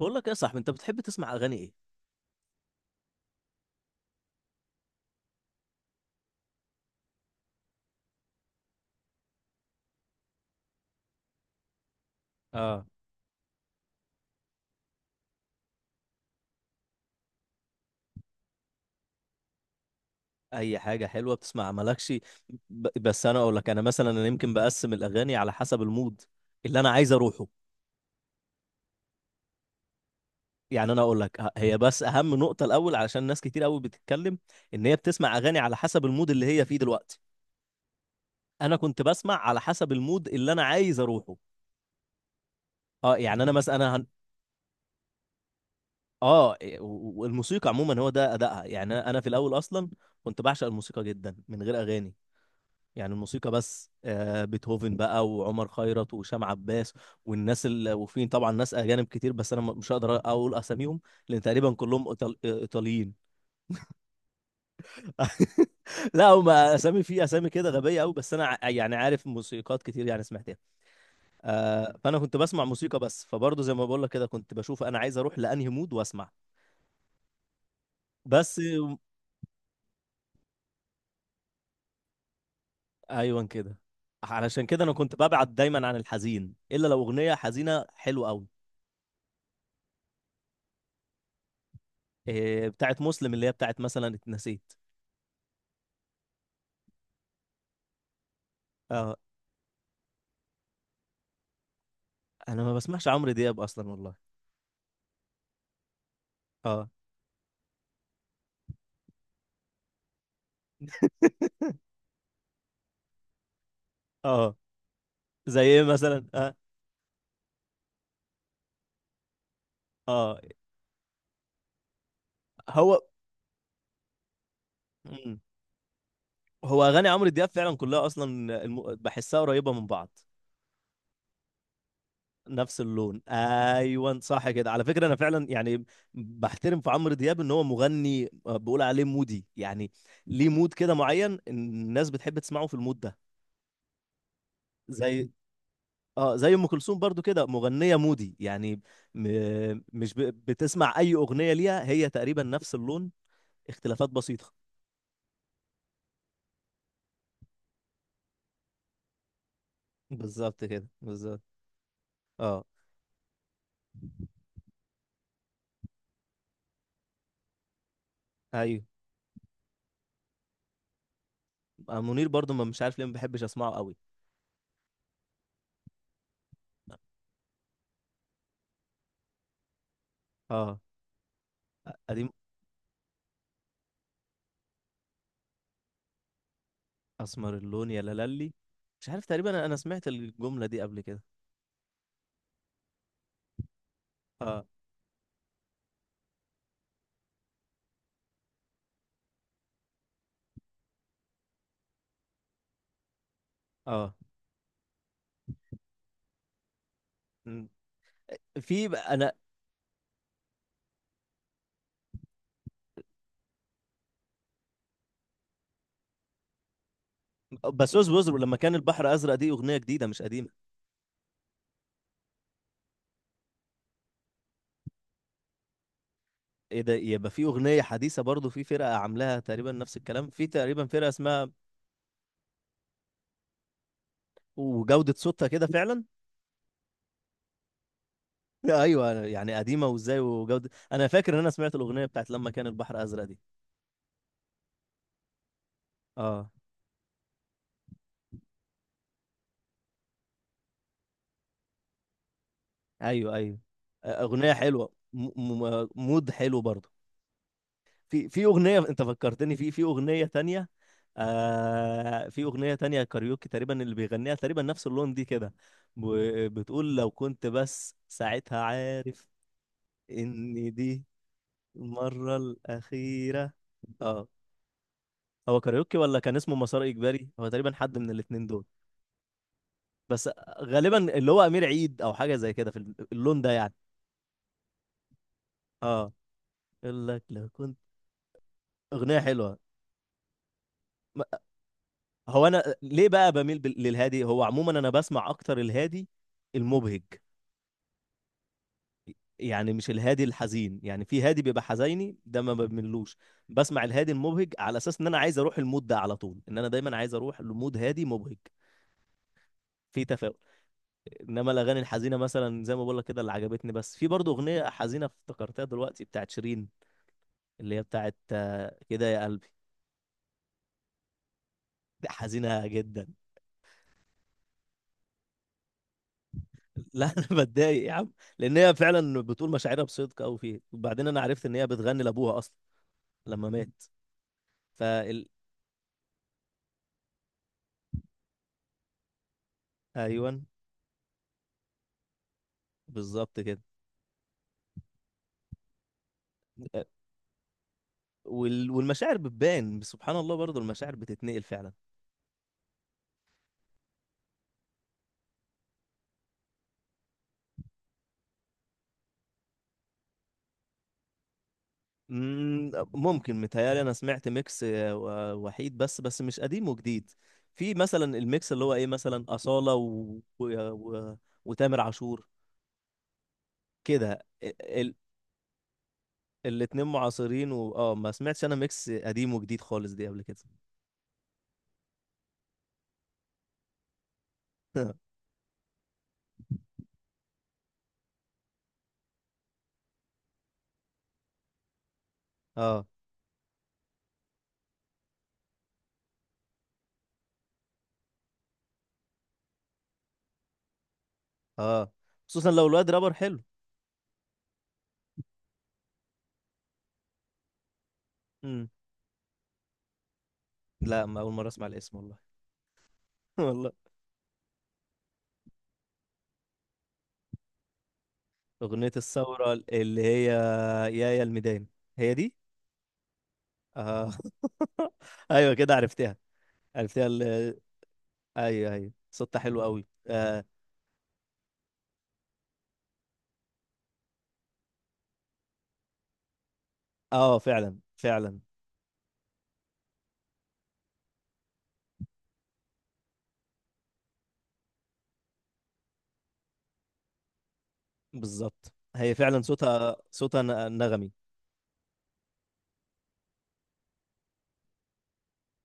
بقول لك إيه يا صاحبي؟ انت بتحب تسمع اغاني ايه؟ اه، اي حاجه حلوه بتسمع مالكش. بس انا اقول لك، انا مثلا يمكن بقسم الاغاني على حسب المود اللي انا عايز اروحه. يعني انا اقول لك هي بس اهم نقطه الاول، علشان ناس كتير قوي بتتكلم ان هي بتسمع اغاني على حسب المود اللي هي فيه دلوقتي. انا كنت بسمع على حسب المود اللي انا عايز اروحه. اه يعني انا مثلا اه إيه، والموسيقى عموما هو ده ادائها. يعني انا في الاول اصلا كنت بعشق الموسيقى جدا من غير اغاني. يعني الموسيقى بس، آه، بيتهوفن بقى وعمر خيرت وهشام عباس وفي طبعا ناس اجانب كتير، بس انا مش هقدر اقول اساميهم، لان تقريبا كلهم ايطاليين. لا، هم اسامي، في اسامي كده غبيه قوي، بس انا يعني عارف موسيقات كتير يعني سمعتها. آه، فانا كنت بسمع موسيقى بس، فبرضه زي ما بقول لك كده، كنت بشوف انا عايز اروح لانهي مود واسمع. بس. ايوه كده. علشان كده انا كنت ببعد دايما عن الحزين، الا لو اغنيه حزينه حلوه قوي. إيه، بتاعت مسلم، اللي هي بتاعت مثلا اتنسيت. اه. انا ما بسمعش عمرو دياب اصلا والله. اه. اه، زي ايه مثلا؟ اه. اه. هو. مم. هو اغاني عمرو دياب فعلا كلها اصلا بحسها قريبه من بعض. نفس اللون، ايوه صح كده. على فكره انا فعلا يعني بحترم في عمرو دياب ان هو مغني، آه، بقول عليه مودي يعني. ليه مود كده معين الناس بتحب تسمعه في المود ده. زي، اه، زي ام كلثوم برضو كده مغنيه مودي يعني. م... مش ب... بتسمع اي اغنيه ليها هي تقريبا نفس اللون، اختلافات بسيطة. بالظبط كده، بالظبط. اه. ايوه. آه، منير برضو ما مش عارف ليه ما بحبش اسمعه قوي. اه. قديم. اسمر اللون يا لالي. مش عارف، تقريبا انا سمعت الجملة دي قبل كده. اه. اه. م. انا. بسوس بوزر، لما كان البحر ازرق دي اغنية جديدة مش قديمة. ايه ده؟ يبقى في اغنية حديثة برضو، في فرقة عاملاها تقريبا نفس الكلام، في تقريبا فرقة اسمها. وجودة صوتها كده فعلا. ايوه، يعني قديمة وازاي وجودة. انا فاكر ان انا سمعت الاغنية بتاعت لما كان البحر ازرق دي. اه. ايوه ايوه، اغنيه حلوه، مود حلو برضه. في اغنيه، انت فكرتني في اغنيه تانية. آه، في اغنيه تانية كاريوكي تقريبا اللي بيغنيها، تقريبا نفس اللون دي كده. بتقول لو كنت بس ساعتها عارف ان دي المره الاخيره. اه. هو كاريوكي ولا كان اسمه مسار اجباري، هو تقريبا حد من الاتنين دول. بس غالبا اللي هو امير عيد او حاجه زي كده في اللون ده يعني. اه. يقول لك لو كنت. اغنيه حلوه. هو انا ليه بقى بميل للهادي؟ هو عموما انا بسمع اكتر الهادي المبهج. يعني مش الهادي الحزين، يعني في هادي بيبقى حزيني ده ما بملوش. بسمع الهادي المبهج على اساس ان انا عايز اروح المود ده على طول، ان انا دايما عايز اروح لمود هادي مبهج، في تفاؤل. انما الاغاني الحزينه مثلا زي ما بقول لك كده، اللي عجبتني، بس في برضه اغنيه حزينه افتكرتها دلوقتي بتاعت شيرين، اللي هي بتاعت، آه، كده يا قلبي. دي حزينه جدا. لا انا بتضايق يا عم، لان هي فعلا بتقول مشاعرها بصدق قوي فيه. وبعدين انا عرفت ان هي بتغني لابوها اصلا لما مات. فال. ايوه. بالظبط كده. والمشاعر بتبان، سبحان الله، برضو المشاعر بتتنقل فعلا. مم، ممكن. متهيألي انا سمعت ميكس، آه، وحيد، بس مش قديم وجديد. في مثلا الميكس اللي هو ايه، مثلا أصالة و... وتامر عاشور كده ال... الاتنين معاصرين اه ما سمعتش انا ميكس قديم وجديد خالص دي قبل كده. اه. اه، خصوصا لو الواد رابر حلو. امم. لا، ما اول مره اسمع الاسم والله. والله. اغنيه الثوره اللي هي يا الميدان. هي دي. اه. ايوه كده، عرفتها. عرفتها ايوه ايوه، صوتها حلو قوي، اه. اه، فعلا فعلا. بالظبط. هي فعلا صوتها، صوتها نغمي.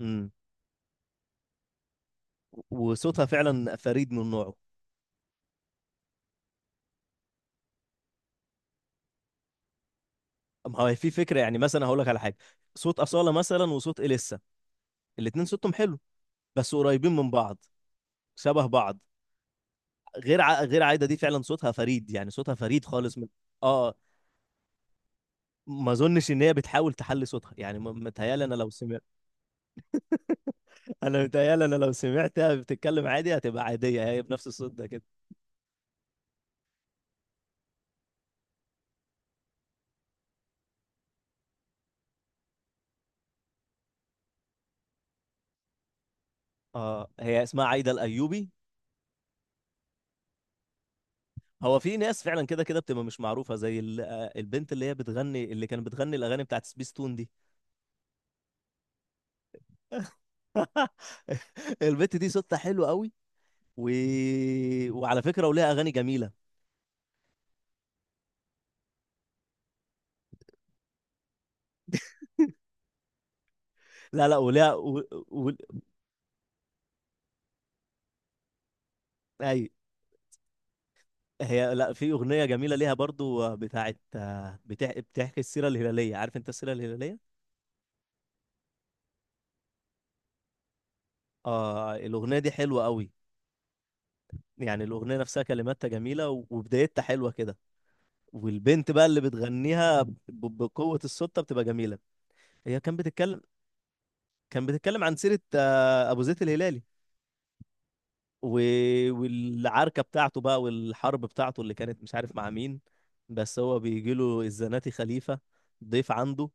امم. وصوتها فعلا فريد من نوعه. ما هو في فكره، يعني مثلا هقول لك على حاجه، صوت اصاله مثلا وصوت اليسا، الاتنين صوتهم حلو، بس قريبين من بعض، شبه بعض. غير غير عايده دي فعلا صوتها فريد، يعني صوتها فريد خالص من. اه. ما اظنش ان هي بتحاول تحلي صوتها، يعني متهيالي انا لو سمعت. انا متهيالي انا لو سمعتها بتتكلم عادي هتبقى عاديه هي بنفس الصوت ده كده. اه، هي اسمها عايده الايوبي. هو في ناس فعلا كده كده بتبقى مش معروفه زي آه، البنت اللي هي بتغني، اللي كانت بتغني الاغاني بتاعت سبيس تون دي. البنت دي صوتها حلو قوي. و... وعلى فكره وليها اغاني جميله. لا لا، وليها و... أي... هي، لا، في اغنيه جميله ليها برضو، آه، بتاعت، آه، بتحكي السيره الهلاليه، عارف انت السيره الهلاليه؟ اه الاغنيه دي حلوه قوي. يعني الاغنيه نفسها كلماتها جميله، وبدايتها حلوه كده، والبنت بقى اللي بتغنيها بقوه الصوت بتبقى جميله. هي كان بتتكلم. كان بتتكلم عن سيره، آه، ابو زيد الهلالي و... والعركه بتاعته بقى، والحرب بتاعته اللي كانت مش عارف مع مين، بس هو بيجي له الزناتي خليفه ضيف عنده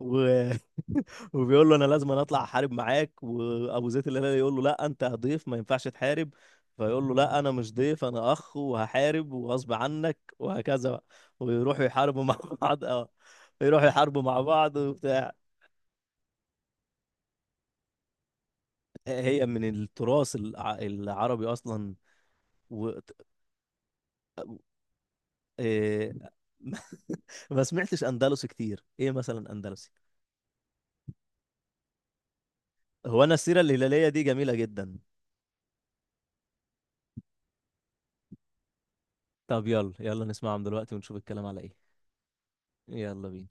و... وبيقول له انا لازم اطلع احارب معاك، وابو زيد الهلالي يقول له لا انت ضيف ما ينفعش تحارب. فيقول له لا، انا مش ضيف انا اخ، وهحارب وغصب عنك وهكذا بقى، ويروحوا يحاربوا مع بعض. اه، يروحوا يحاربوا مع بعض وبتاع. هي من التراث العربي اصلا. و... إيه... ما سمعتش اندلسي كتير، ايه مثلا اندلسي؟ هو انا السيره الهلاليه دي جميله جدا. طب يلا، يلا نسمعهم دلوقتي ونشوف الكلام على ايه. يلا بينا.